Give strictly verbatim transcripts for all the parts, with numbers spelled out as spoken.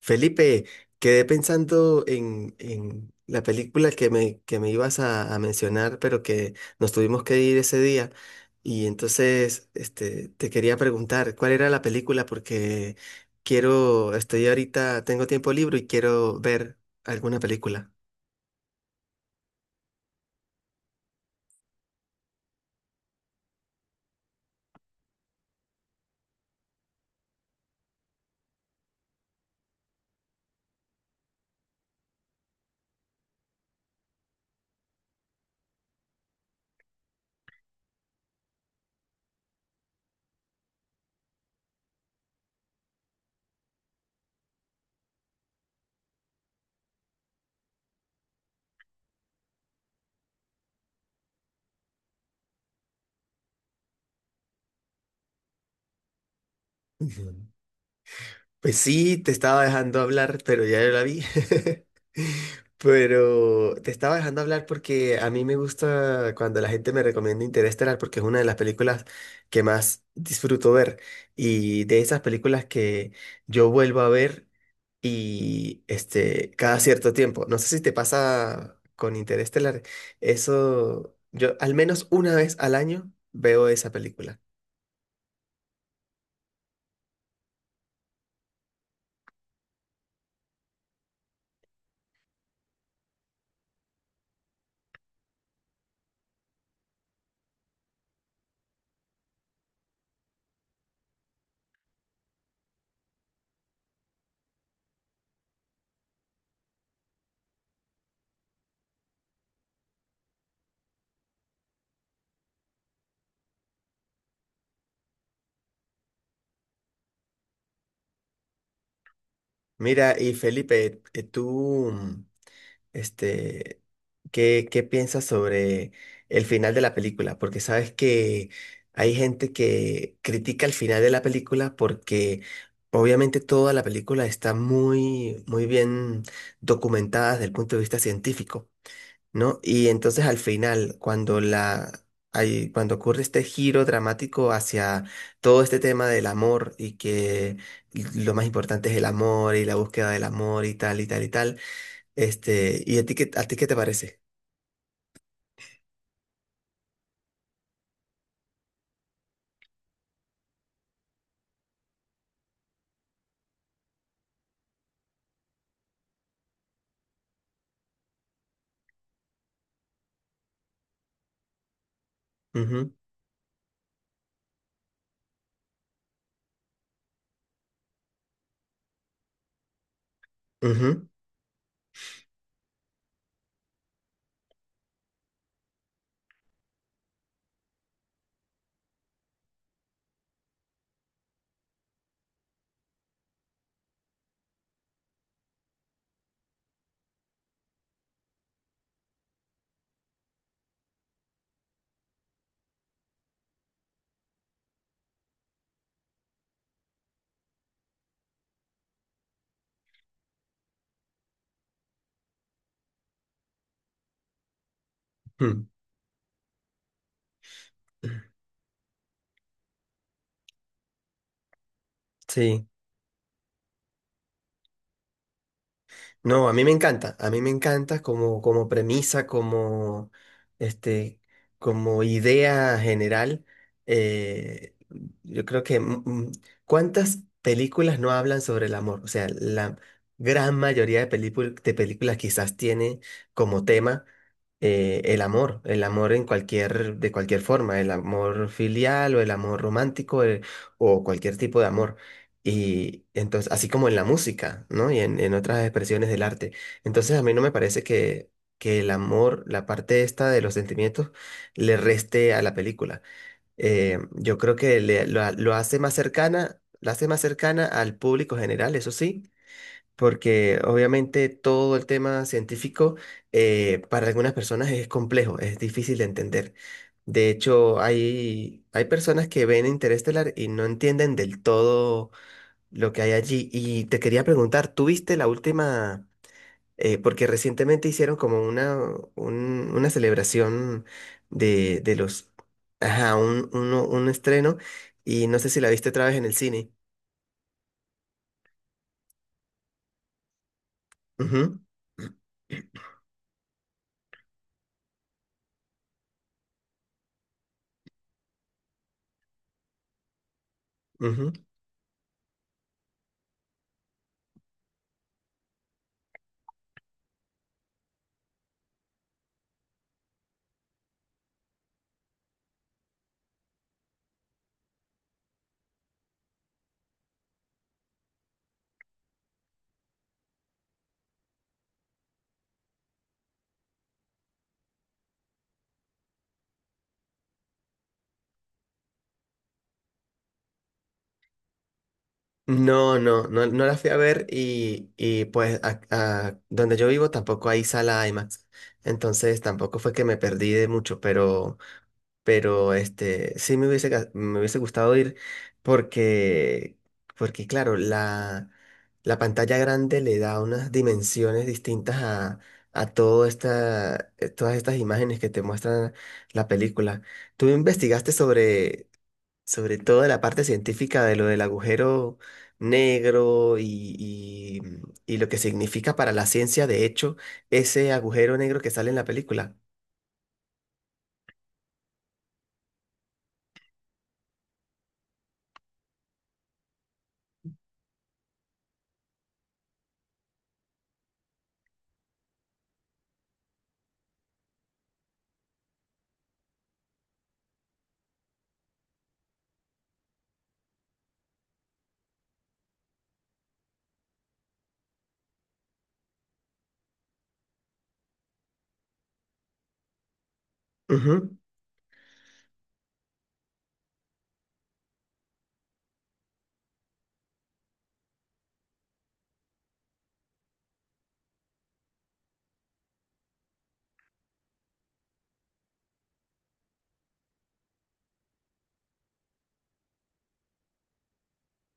Felipe, quedé pensando en, en la película que me, que me ibas a, a mencionar, pero que nos tuvimos que ir ese día. Y entonces, este, te quería preguntar, ¿cuál era la película? Porque quiero, estoy ahorita, tengo tiempo libre y quiero ver alguna película. Ujú. Pues sí, te estaba dejando hablar, pero ya yo la vi. Pero te estaba dejando hablar porque a mí me gusta cuando la gente me recomienda Interestelar porque es una de las películas que más disfruto ver y de esas películas que yo vuelvo a ver y este cada cierto tiempo. No sé si te pasa con Interestelar, eso yo al menos una vez al año veo esa película. Mira, y Felipe, eh, tú Este, ¿qué, qué piensas sobre el final de la película? Porque sabes que hay gente que critica el final de la película porque obviamente toda la película está muy, muy bien documentada desde el punto de vista científico, ¿no? Y entonces al final, cuando la... hay- cuando ocurre este giro dramático hacia todo este tema del amor y que lo más importante es el amor y la búsqueda del amor y tal y tal y tal, este, ¿y a ti qué, a ti qué te parece? Ujú, ujú. Mm. Sí. No, a mí me encanta, a mí me encanta como, como, premisa, como, este, como idea general. eh, yo creo que mm, mm, ¿cuántas películas no hablan sobre el amor? O sea, la gran mayoría de películ- de películas quizás tiene como tema eh, el amor, el amor en cualquier, de cualquier forma, el amor filial o el amor romántico eh, o cualquier tipo de amor. Y entonces, así como en la música, ¿no? Y en, en otras expresiones del arte. Entonces, a mí no me parece que, que el amor, la parte esta de los sentimientos, le reste a la película. Eh, yo creo que le- lo, lo hace más cercana, la hace más cercana al público general, eso sí, porque obviamente todo el tema científico eh, para algunas personas es complejo, es difícil de entender. De hecho, hay, hay personas que ven Interestelar y no entienden del todo lo que hay allí. Y te quería preguntar, ¿tú viste la última? Eh, porque recientemente hicieron como una, un- una celebración de, de los, ajá, un, uno- un estreno y no sé si la viste otra vez en el cine. Ujú, ujú. No, no, no, no la fui a ver y, y pues a- a donde yo vivo tampoco hay sala IMAX, entonces tampoco fue que me perdí de mucho, pero... Pero este, sí me hubiese, ga- me hubiese gustado ir porque, porque claro, la, la pantalla grande le da unas dimensiones distintas a, a todo esta, eh, todas estas imágenes que te muestran la película. ¿Tú investigaste sobre, sobre toda la parte científica de lo del agujero negro y, y, y lo que significa para la ciencia, de hecho, ese agujero negro que sale en la película?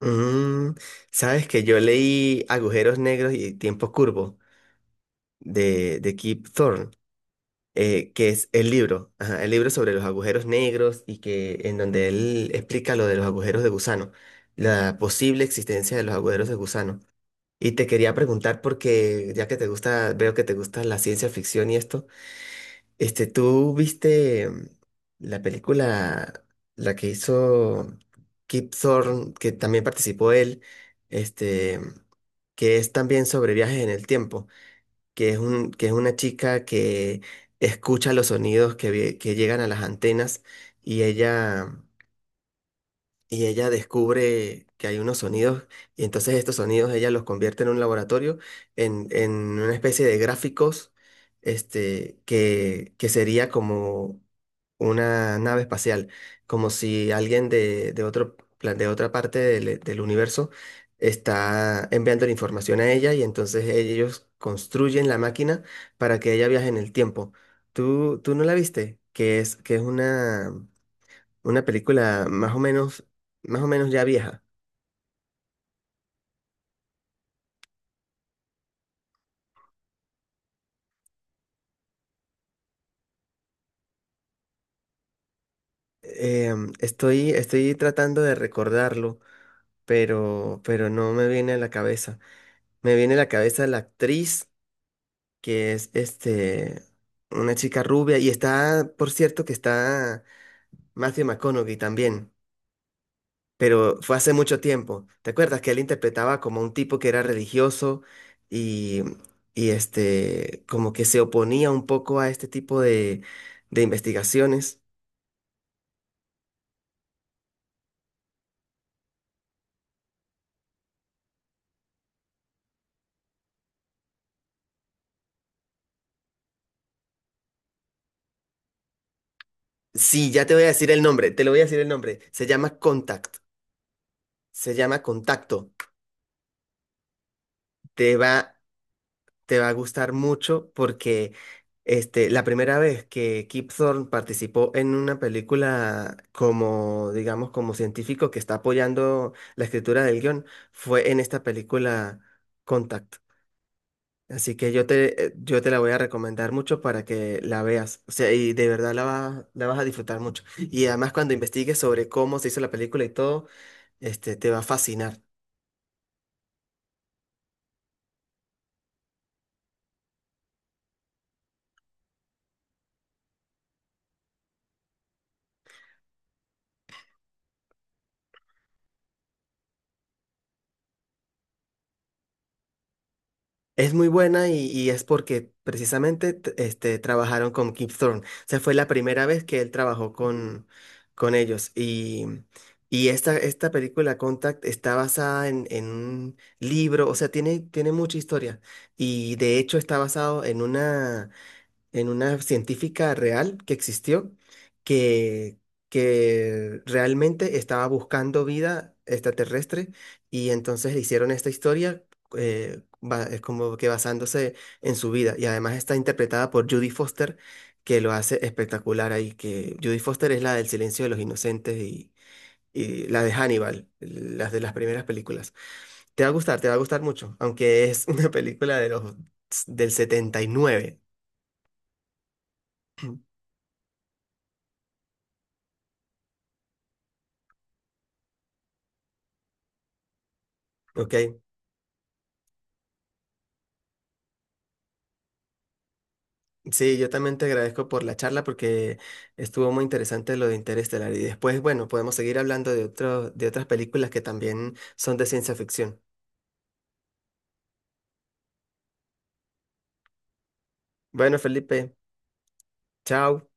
Mm, sabes que yo leí Agujeros Negros y Tiempo Curvo de, de Kip Thorne, eh, que es el libro, ajá, el libro sobre los agujeros negros y que en donde él explica lo de los agujeros de gusano, la posible existencia de los agujeros de gusano. Y te quería preguntar porque ya que te gusta, veo que te gusta la ciencia ficción y esto, este, ¿tú viste mm, la película, la que hizo Kip Thorne, que también participó él, este, que es también sobre viajes en el tiempo, que es un, que es una chica que escucha los sonidos que, vi- que llegan a las antenas y ella y ella descubre que hay unos sonidos y entonces estos sonidos ella los convierte en un laboratorio, en, en una especie de gráficos, este, que, que sería como una nave espacial, como si alguien de, de otro, plan- de otra parte del, del universo está enviando la información a ella y entonces ellos construyen la máquina para que ella viaje en el tiempo. ¿Tú, tú no la viste? Que es, que es una una película más o menos, más o menos ya vieja. Em, estoy, estoy tratando de recordarlo, pero, pero no me viene a la cabeza. Me viene a la cabeza la actriz, que es este, una chica rubia, y está, por cierto, que está Matthew McConaughey también, pero fue hace mucho tiempo. ¿Te acuerdas que él interpretaba como un tipo que era religioso y, y este, como que se oponía un poco a este tipo de de investigaciones? Sí, ya te voy a decir el nombre, te lo voy a decir el nombre. Se llama Contact, se llama Contacto. Te va, te va a gustar mucho porque este, la primera vez que Kip Thorne participó en una película como, digamos, como científico que está apoyando la escritura del guión fue en esta película Contact. Así que yo te, eh, yo te la voy a recomendar mucho para que la veas. O sea, y de verdad la vas, la vas a disfrutar mucho. Y además cuando investigues sobre cómo se hizo la película y todo este, te va a fascinar. Es muy buena y, y es porque precisamente t- este, trabajaron con Kip Thorne. O sea, fue la primera vez que él trabajó con, con ellos. Y, y esta, esta película, Contact, está basada en, en un libro, o sea, tiene, tiene mucha historia. Y de hecho está basado en una... en una científica real que existió, que, que realmente estaba buscando vida extraterrestre y entonces le hicieron esta historia eh, ba- es como que basándose en su vida y además está interpretada por Judy Foster que lo hace espectacular ahí, que Judy Foster es la del Silencio de los Inocentes y, y la de Hannibal, las de las primeras películas. Te va a gustar, te va a gustar mucho, aunque es una película de los, del setenta y nueve. ¿Ok? Sí, yo también te agradezco por la charla porque estuvo muy interesante lo de Interestelar. Y después, bueno, podemos seguir hablando de otro, de otras películas que también son de ciencia ficción. Bueno, Felipe, chao.